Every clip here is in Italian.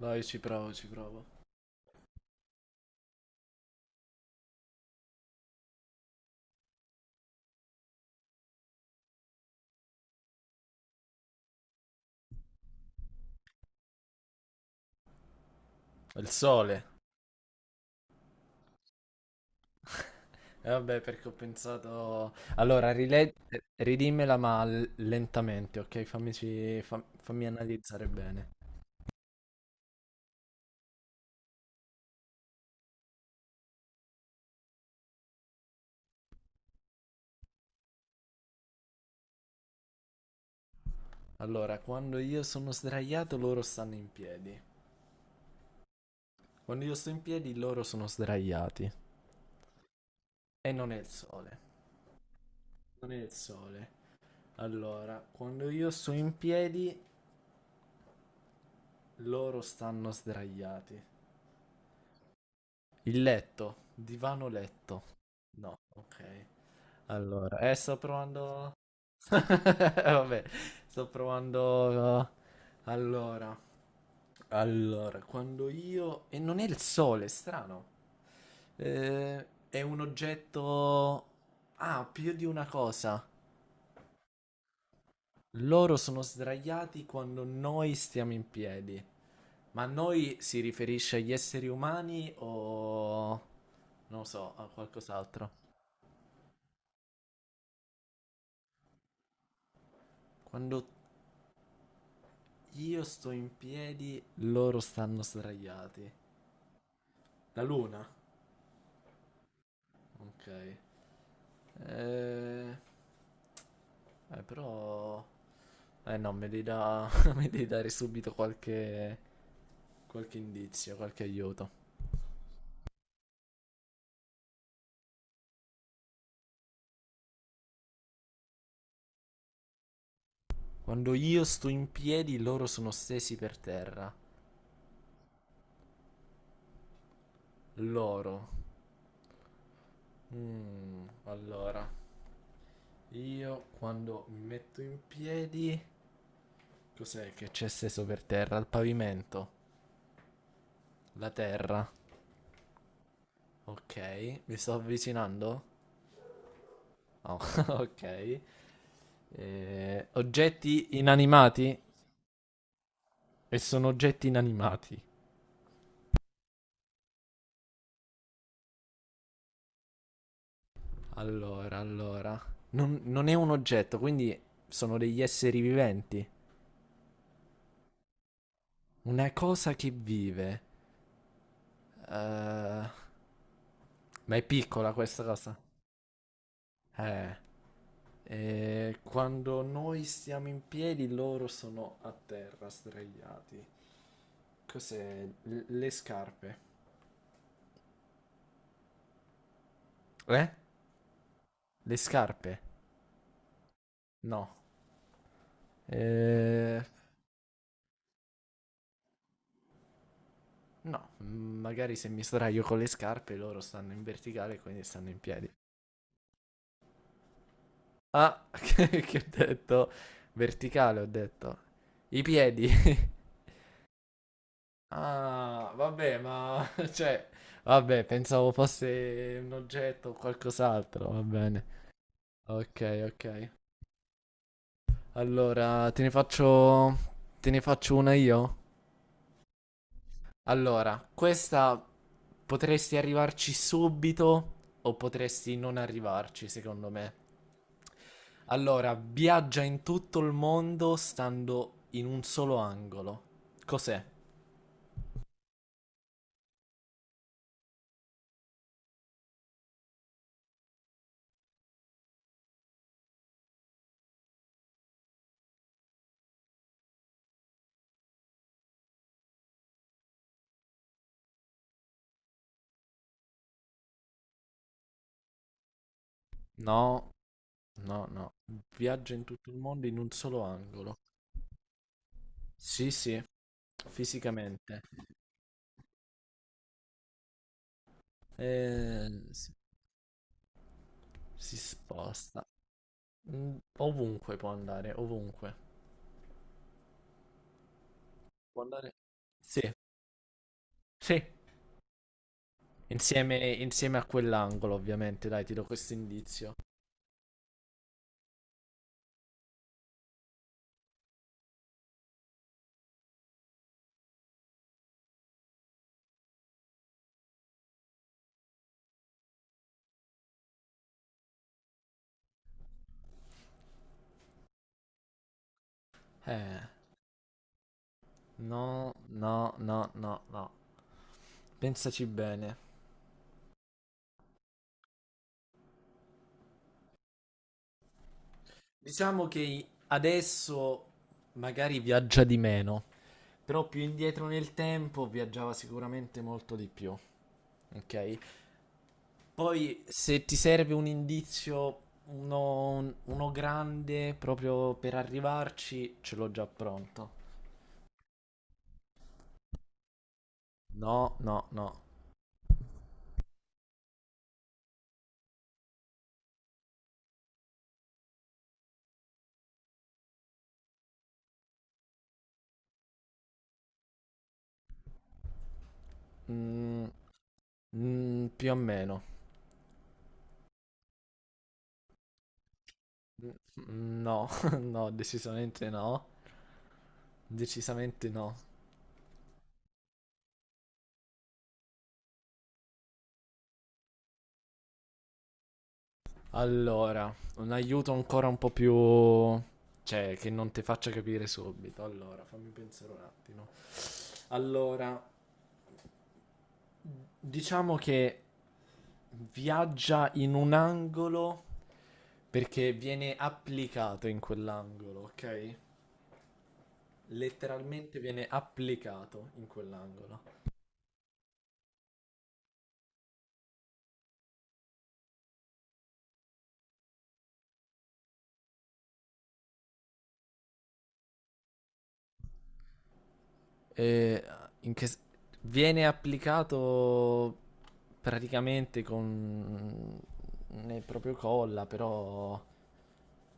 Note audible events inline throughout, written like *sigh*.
No, io ci provo, ci provo. Il sole. *laughs* E vabbè, perché ho pensato... Allora, ridimmela ma lentamente, ok? Fammi analizzare bene. Allora, quando io sono sdraiato, loro stanno in piedi. Quando io sto in piedi, loro sono sdraiati. E non è il sole. Non è il sole. Allora, quando io sto in piedi, loro stanno sdraiati. Il letto, divano letto. No, ok. Allora, sto provando. *laughs* Vabbè, sto provando. uh, Allora, quando io. E non è il sole, è strano. È un oggetto. Ah, più di una cosa. Loro sono sdraiati quando noi stiamo in piedi. Ma noi si riferisce agli esseri umani o. Non lo so, a qualcos'altro. Quando io sto in piedi, loro stanno sdraiati. La luna? Ok. Eh, però... Eh no, *laughs* mi devi dare *laughs* subito qualche... qualche indizio, qualche aiuto. Quando io sto in piedi, loro sono stesi per terra. Loro. Mm, allora, io quando mi metto in piedi... Cos'è che c'è steso per terra? Il pavimento. La terra. Ok, mi sto avvicinando? Oh, *laughs* ok. Oggetti inanimati? E sono oggetti inanimati. Allora. Non è un oggetto, quindi sono degli esseri viventi. Una cosa che vive. Eh, ma è piccola questa cosa. Eh. Quando noi stiamo in piedi, loro sono a terra, sdraiati. Cos'è? Le scarpe. Eh? Le scarpe? No. Eh, no, mm, magari se mi sdraio con le scarpe loro stanno in verticale, quindi stanno in piedi. Ah, *laughs* che ho detto? Verticale ho detto. I piedi. *laughs* Ah, vabbè, ma *laughs* cioè, vabbè, pensavo fosse un oggetto o qualcos'altro, va bene. Ok, ok. Allora, te ne faccio una io? Allora, questa potresti arrivarci subito o potresti non arrivarci, secondo me. Allora, viaggia in tutto il mondo stando in un solo angolo. Cos'è? No, no, no. Viaggia in tutto il mondo in un solo angolo. Sì, sì, fisicamente. Si, si sposta. Mm, ovunque può andare, ovunque. Può andare. Sì, sì. Insieme a quell'angolo, ovviamente. Dai, ti do questo indizio. Eh, no, no, no, no, no. Pensaci bene. Diciamo che adesso magari viaggia di meno, però più indietro nel tempo viaggiava sicuramente molto di più. Ok? Poi se ti serve un indizio, uno grande proprio per arrivarci, ce l'ho già pronto. No, no, no. Mm, mm, più o meno. Mm, no, *laughs* no, decisamente no. Decisamente no. Allora, un aiuto ancora un po' più... Cioè, che non ti faccia capire subito. Allora, fammi pensare un attimo. Allora, diciamo che viaggia in un angolo perché viene applicato in quell'angolo, ok? Letteralmente viene applicato in quell'angolo. E in che... s- Viene applicato praticamente con... nel proprio colla, però...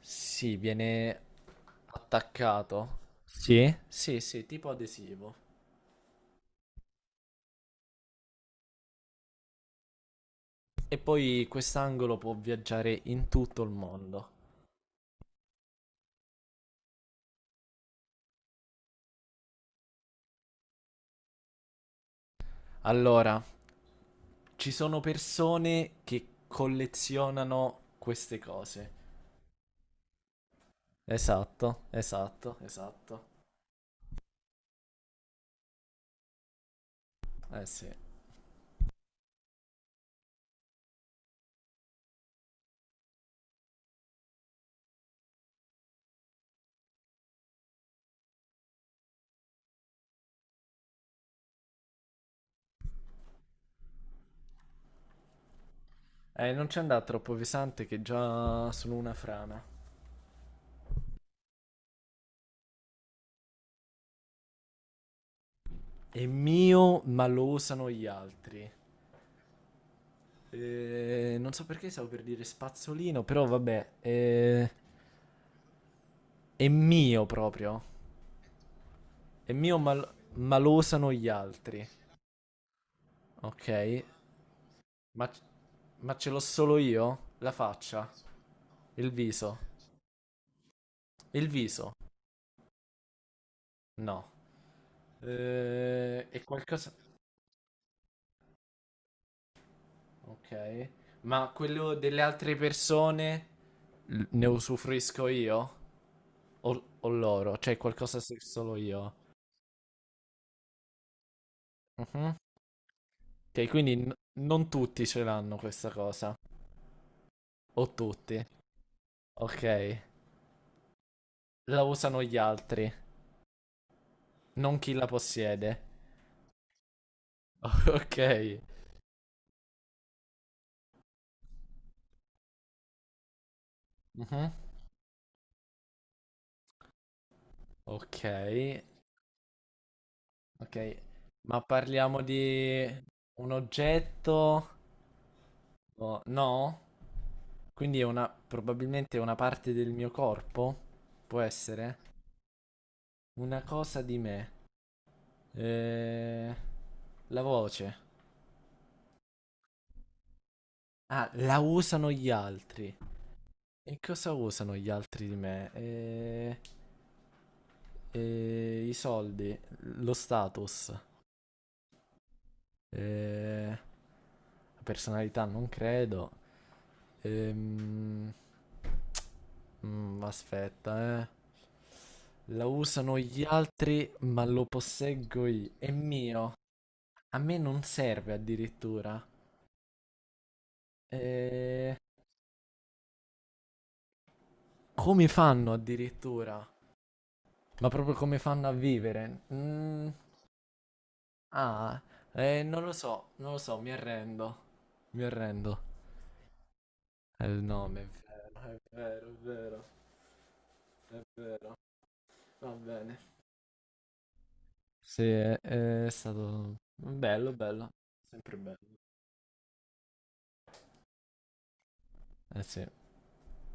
Sì, viene attaccato. Sì? Sì, sì, tipo adesivo. E poi quest'angolo può viaggiare in tutto il mondo. Allora, ci sono persone che collezionano queste cose. Esatto, esatto, esatto. Eh sì. Non c'è andare troppo pesante che già sono una frana. È mio, ma lo usano gli altri. Non so perché stavo per dire spazzolino, però vabbè. È mio proprio. E malosano gli altri. Ok? Ma, ma ce l'ho solo io? La faccia? Il viso? Il viso? No. Qualcosa... Ok. Ma quello delle altre persone ne usufruisco io? O loro? Cioè qualcosa se solo io? Mhm. Ok, non tutti ce l'hanno questa cosa. O tutti. Ok. La usano gli altri, non chi la possiede. *laughs* Ok, mhm. ok, ok. Ma parliamo di un oggetto? No? Quindi è una, probabilmente è una parte del mio corpo? Può essere? Una cosa di me. Eh, la voce. Ah, la usano gli altri. E cosa usano gli altri di me? I soldi, lo status. Eh, Personalità non credo. Ehm... aspetta, eh. La usano gli altri, ma lo posseggo io. È mio. A me non serve addirittura. Eh, Come fanno addirittura? Ma proprio come fanno a vivere? Mm, ah, non lo so, non lo so, mi arrendo. Mi arrendo. È il nome, è vero, è vero, è vero. È vero. Va bene. Sì, è stato bello, bello. Sempre bello. Eh sì.